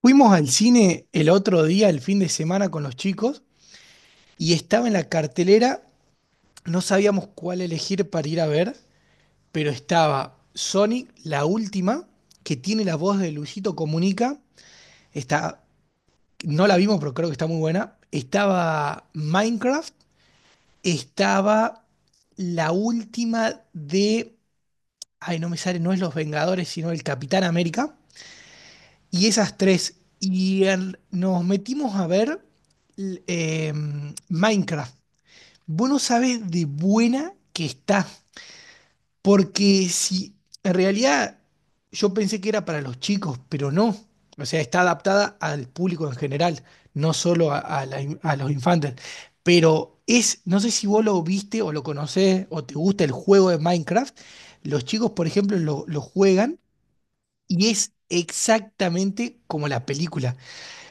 Fuimos al cine el otro día, el fin de semana, con los chicos y estaba en la cartelera, no sabíamos cuál elegir para ir a ver, pero estaba Sonic, la última, que tiene la voz de Luisito Comunica. Está, no la vimos, pero creo que está muy buena. Estaba Minecraft, estaba la última de, ay, no me sale, no es Los Vengadores, sino el Capitán América. Y esas tres. Nos metimos a ver l- eh, Minecraft. Vos no sabés de buena que está. Porque si en realidad yo pensé que era para los chicos, pero no. O sea, está adaptada al público en general, no solo a los infantes. Pero es, no sé si vos lo viste o lo conocés o te gusta el juego de Minecraft. Los chicos, por ejemplo, lo juegan y es exactamente como la película.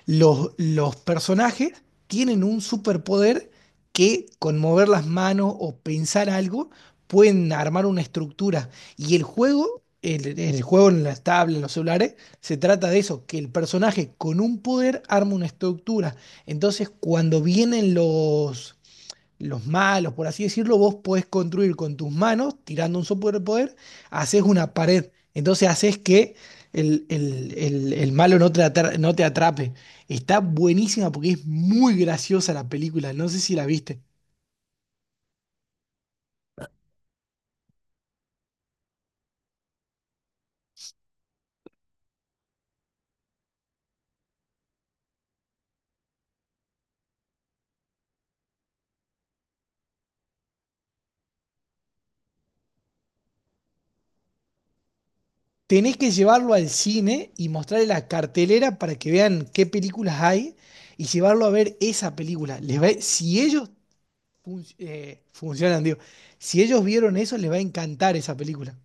Los personajes tienen un superpoder que con mover las manos o pensar algo pueden armar una estructura. Y el juego, el juego en las tablas, en los celulares, se trata de eso, que el personaje con un poder arma una estructura. Entonces, cuando vienen los malos, por así decirlo, vos podés construir con tus manos, tirando un superpoder, haces una pared. Entonces haces que el malo no te atrape. Está buenísima porque es muy graciosa la película, no sé si la viste. Tenés que llevarlo al cine y mostrarle la cartelera para que vean qué películas hay y llevarlo a ver esa película. Si ellos funcionan, digo, si ellos vieron eso, les va a encantar esa película.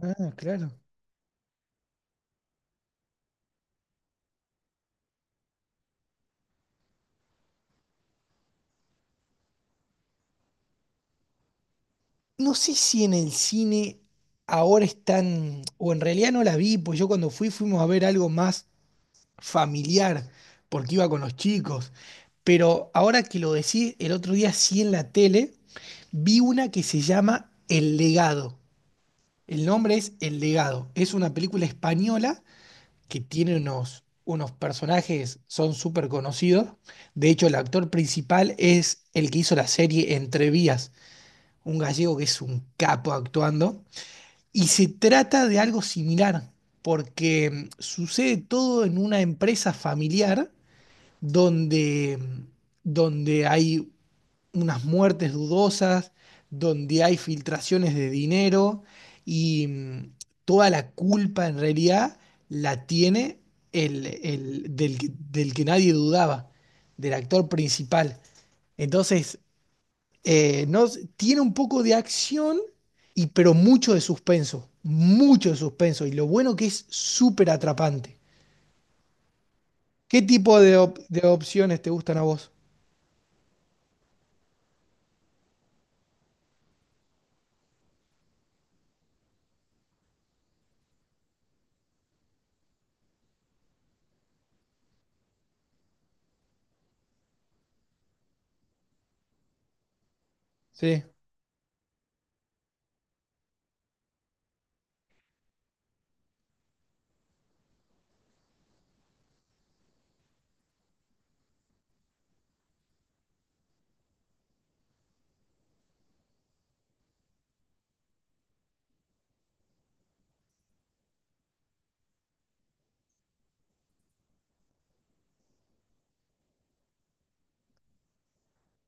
Ah, claro. No sé si en el cine ahora están, o en realidad no la vi, pues yo cuando fui fuimos a ver algo más familiar, porque iba con los chicos. Pero ahora que lo decís, el otro día sí en la tele vi una que se llama El Legado. El nombre es El Legado. Es una película española que tiene unos, unos personajes, son súper conocidos. De hecho, el actor principal es el que hizo la serie Entre Vías, un gallego que es un capo actuando. Y se trata de algo similar, porque sucede todo en una empresa familiar donde, mm, donde hay unas muertes dudosas, donde hay filtraciones de dinero y toda la culpa en realidad la tiene del que nadie dudaba, del actor principal. Entonces, no, tiene un poco de acción, y, pero mucho de suspenso, mucho de suspenso. Y lo bueno que es súper atrapante. ¿Qué tipo de opciones te gustan a vos? Sí.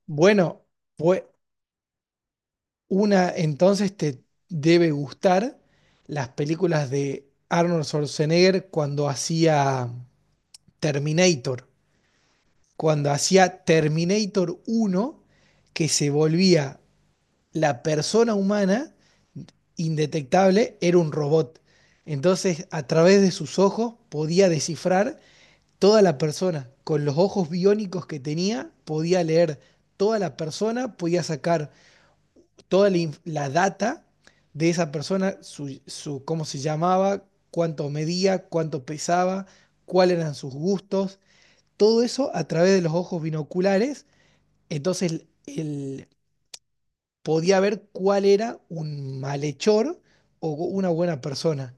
Bueno, pues una entonces te debe gustar las películas de Arnold Schwarzenegger cuando hacía Terminator. Cuando hacía Terminator uno que se volvía la persona humana indetectable, era un robot. Entonces, a través de sus ojos podía descifrar toda la persona. Con los ojos biónicos que tenía, podía leer toda la persona, podía sacar toda la data de esa persona, cómo se llamaba, cuánto medía, cuánto pesaba, cuáles eran sus gustos, todo eso a través de los ojos binoculares. Entonces, él podía ver cuál era un malhechor o una buena persona.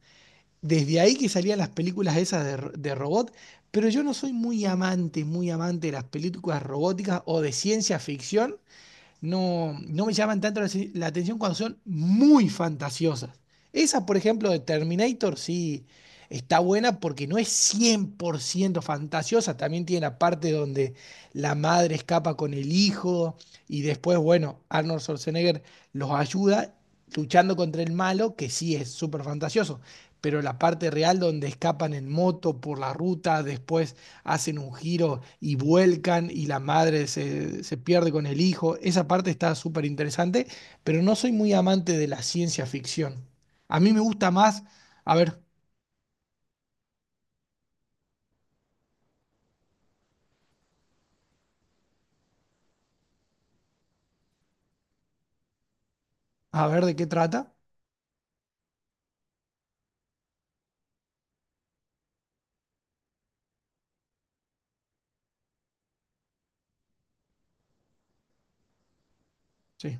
Desde ahí que salían las películas esas de robot, pero yo no soy muy amante de las películas robóticas o de ciencia ficción, no, no me llaman tanto la, si, la atención cuando son muy fantasiosas. Esa, por ejemplo, de Terminator, sí, está buena porque no es 100% fantasiosa. También tiene la parte donde la madre escapa con el hijo y después, bueno, Arnold Schwarzenegger los ayuda luchando contra el malo, que sí es súper fantasioso. Pero la parte real donde escapan en moto por la ruta, después hacen un giro y vuelcan y la madre se pierde con el hijo. Esa parte está súper interesante, pero no soy muy amante de la ciencia ficción. A mí me gusta más, a ver, a ver de qué trata. Sí,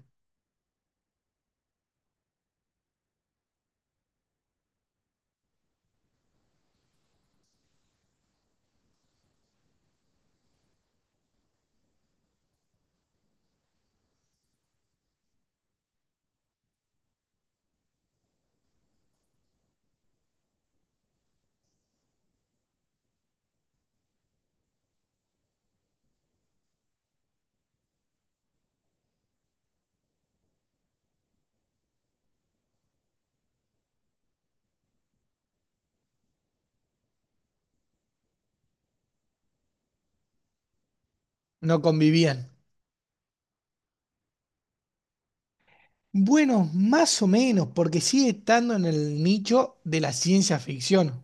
no convivían. Bueno, más o menos, porque sigue estando en el nicho de la ciencia ficción.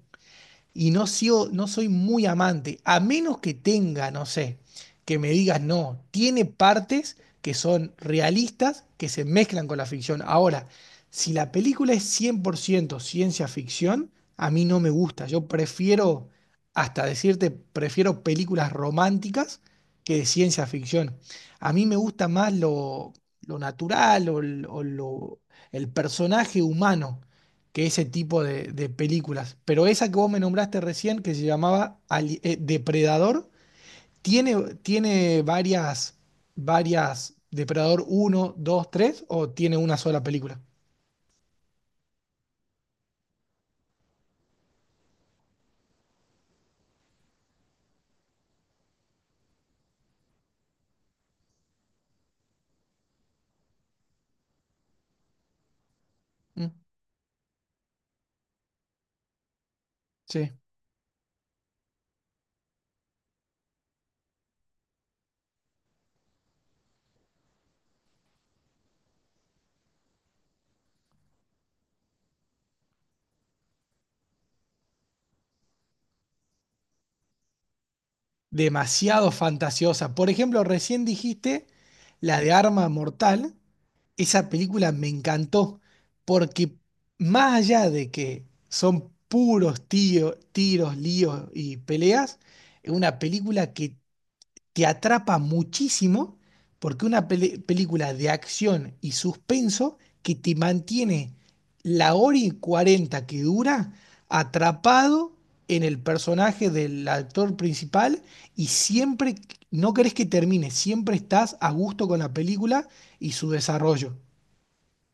Y no, no soy muy amante, a menos que tenga, no sé, que me digas no, tiene partes que son realistas, que se mezclan con la ficción. Ahora, si la película es 100% ciencia ficción, a mí no me gusta. Yo prefiero, hasta decirte, prefiero películas románticas que de ciencia ficción. A mí me gusta más lo natural o, el personaje humano que ese tipo de películas. Pero esa que vos me nombraste recién, que se llamaba Depredador, tiene, tiene varias, varias, Depredador uno, 2, 3 o tiene una sola película. Mm, sí. Demasiado fantasiosa. Por ejemplo, recién dijiste la de Arma Mortal. Esa película me encantó porque más allá de que son puros tiros, líos y peleas, es una película que te atrapa muchísimo porque una película de acción y suspenso que te mantiene la hora y cuarenta que dura atrapado en el personaje del actor principal y siempre no querés que termine, siempre estás a gusto con la película y su desarrollo.